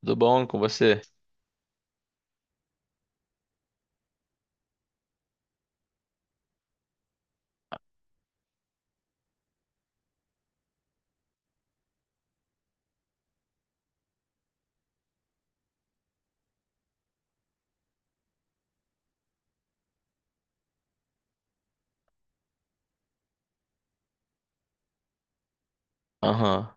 Tudo bom com você? Aham.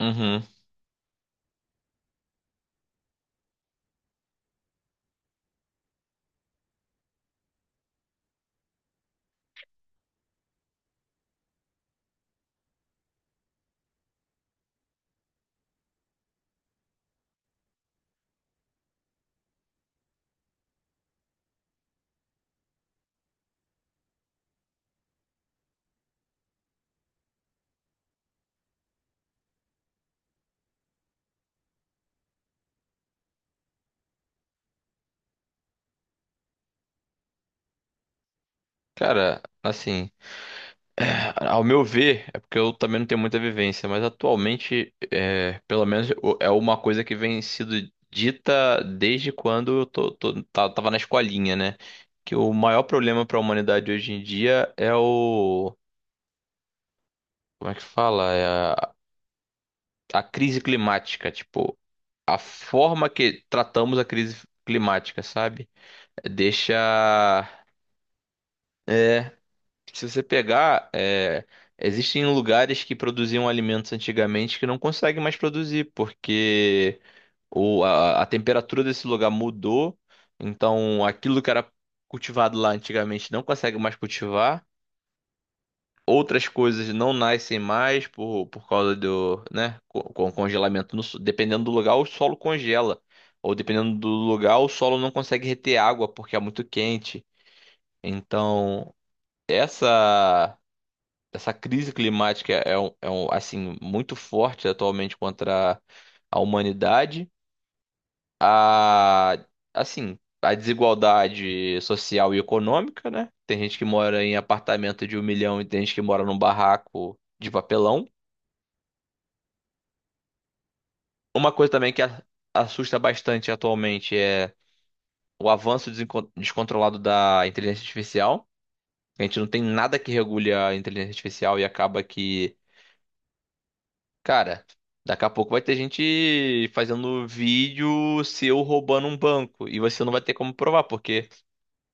Uhum. Cara, assim, é, ao meu ver, é porque eu também não tenho muita vivência, mas atualmente, pelo menos é uma coisa que vem sido dita desde quando eu tô, tô- tá- tava na escolinha, né? Que o maior problema para a humanidade hoje em dia como é que fala? É a, a crise climática, tipo, a forma que tratamos a crise climática, sabe? Deixa eh, se você pegar, é, existem lugares que produziam alimentos antigamente que não conseguem mais produzir, porque a temperatura desse lugar mudou, então aquilo que era cultivado lá antigamente não consegue mais cultivar. Outras coisas não nascem mais por causa do, né, com congelamento. No so- Dependendo do lugar, o solo congela. Ou dependendo do lugar, o solo não consegue reter água porque é muito quente. Então, essa essa crise climática é, é um, assim muito forte atualmente contra a humanidade, a assim a desigualdade social e econômica, né? Tem gente que mora em apartamento de um milhão e tem gente que mora num barraco de papelão. Uma coisa também assusta bastante atualmente é o avanço descontrolado da inteligência artificial. A gente não tem nada que regule a inteligência artificial e acaba que cara, daqui a pouco vai ter gente fazendo vídeo seu roubando um banco e você não vai ter como provar, porque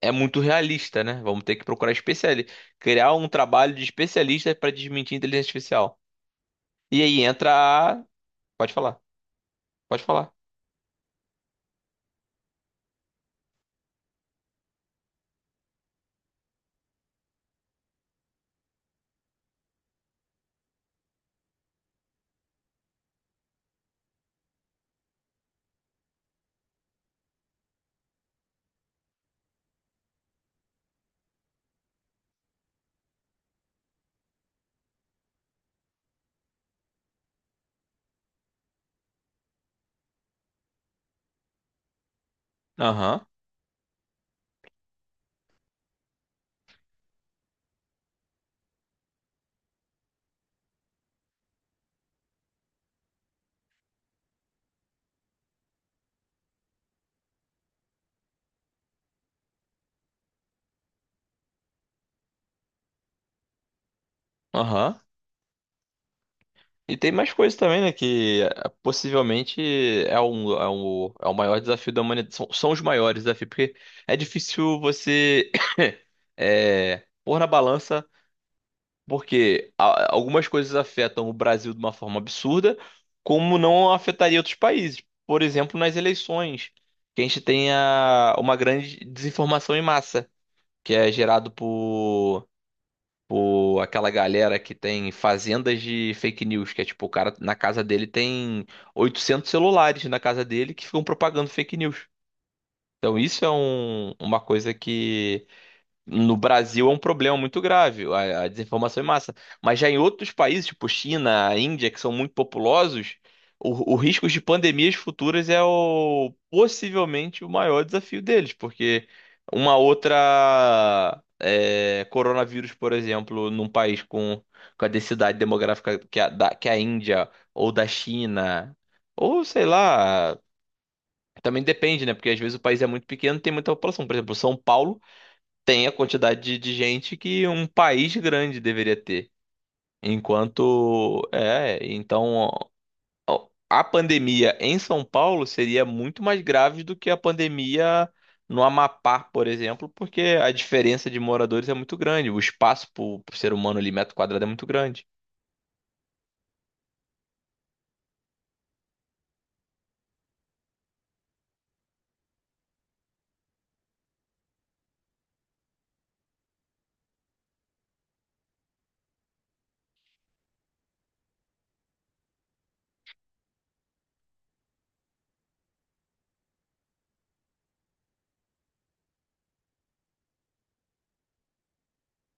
é muito realista, né? Vamos ter que procurar especialista, criar um trabalho de especialista para desmentir a inteligência artificial. E aí entra a... Pode falar, pode falar. Aham, aham. E tem mais coisas também, né? Que possivelmente é o maior desafio da humanidade. São, são os maiores desafios, porque é difícil você pôr na balança. Porque algumas coisas afetam o Brasil de uma forma absurda, como não afetaria outros países. Por exemplo, nas eleições, que a gente tem uma grande desinformação em massa, que é gerado por aquela galera que tem fazendas de fake news, que é tipo, o cara na casa dele tem 800 celulares na casa dele que ficam propagando fake news. Então isso é uma coisa no Brasil, é um problema muito grave, a desinformação em massa. Mas já em outros países, tipo China, Índia, que são muito populosos, o risco de pandemias futuras é o, possivelmente o maior desafio deles, porque uma outra é, coronavírus, por exemplo, num país com a densidade demográfica que a Índia ou da China, ou sei lá. Também depende, né? Porque às vezes o país é muito pequeno, tem muita população. Por exemplo, São Paulo tem a quantidade de gente que um país grande deveria ter. Enquanto, é, então ó, a pandemia em São Paulo seria muito mais grave do que a pandemia no Amapá, por exemplo, porque a diferença de moradores é muito grande, o espaço para o ser humano ali, metro quadrado, é muito grande.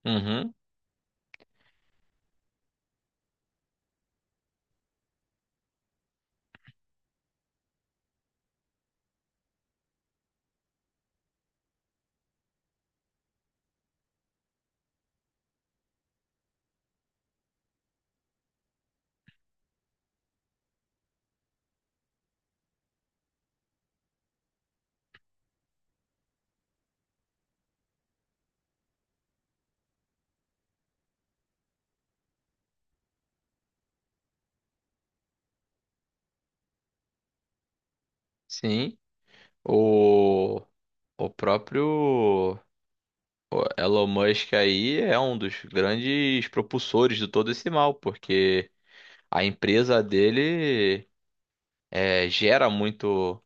Uhum, sim. O, o próprio o Elon Musk aí é um dos grandes propulsores de todo esse mal, porque a empresa dele gera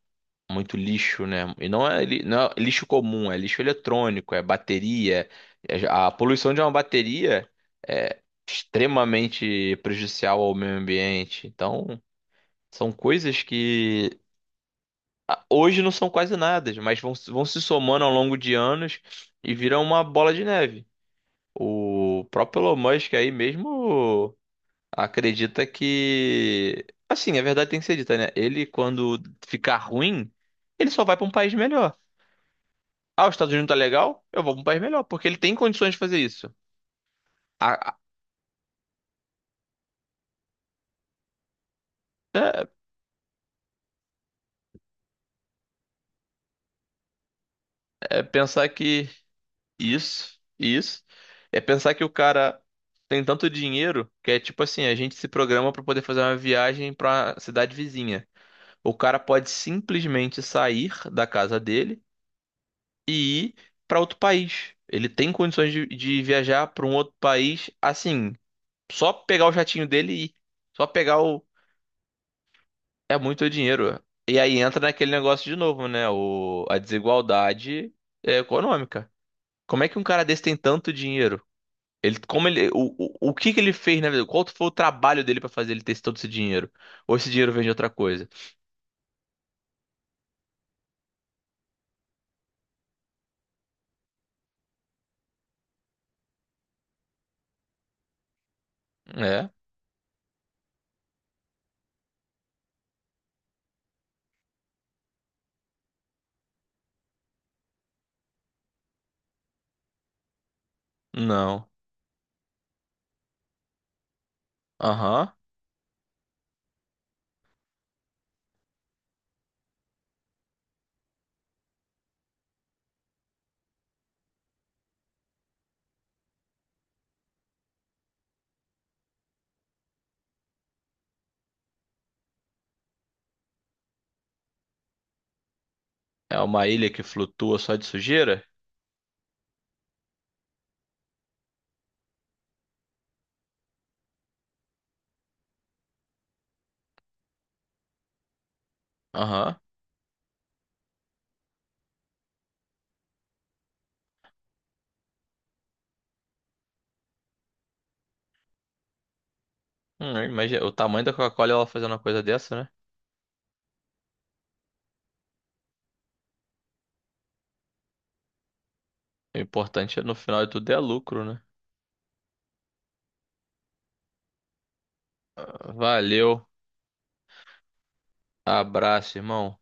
muito lixo, né? E não é, não é lixo comum, é lixo eletrônico, é bateria. A poluição de uma bateria é extremamente prejudicial ao meio ambiente. Então, são coisas que ah, hoje não são quase nada, mas vão, vão se somando ao longo de anos e viram uma bola de neve. O próprio Elon Musk aí mesmo. Acredita que. Assim, a verdade tem que ser dita, né? Ele, quando ficar ruim, ele só vai pra um país melhor. Ah, os Estados Unidos tá legal? Eu vou pra um país melhor, porque ele tem condições de fazer isso. A- a- É, é pensar que isso, isso, é pensar que o cara tem tanto dinheiro que é tipo assim, a gente se programa pra poder fazer uma viagem pra cidade vizinha. O cara pode simplesmente sair da casa dele e ir para outro país. Ele tem condições de viajar para um outro país assim, só pegar o jatinho dele e ir. Só pegar o. É muito dinheiro. E aí entra naquele negócio de novo, né? A desigualdade econômica. Como é que um cara desse tem tanto dinheiro? Ele, como ele, o que que ele fez na vida? Qual foi o trabalho dele para fazer ele ter todo esse dinheiro? Ou esse dinheiro vem de outra coisa? É? Não. Aham. É uma ilha que flutua só de sujeira? Aham. Imagina, o tamanho da Coca-Cola ela fazendo uma coisa dessa, né? O importante é, no final de tudo é lucro, né? Valeu, abraço, irmão.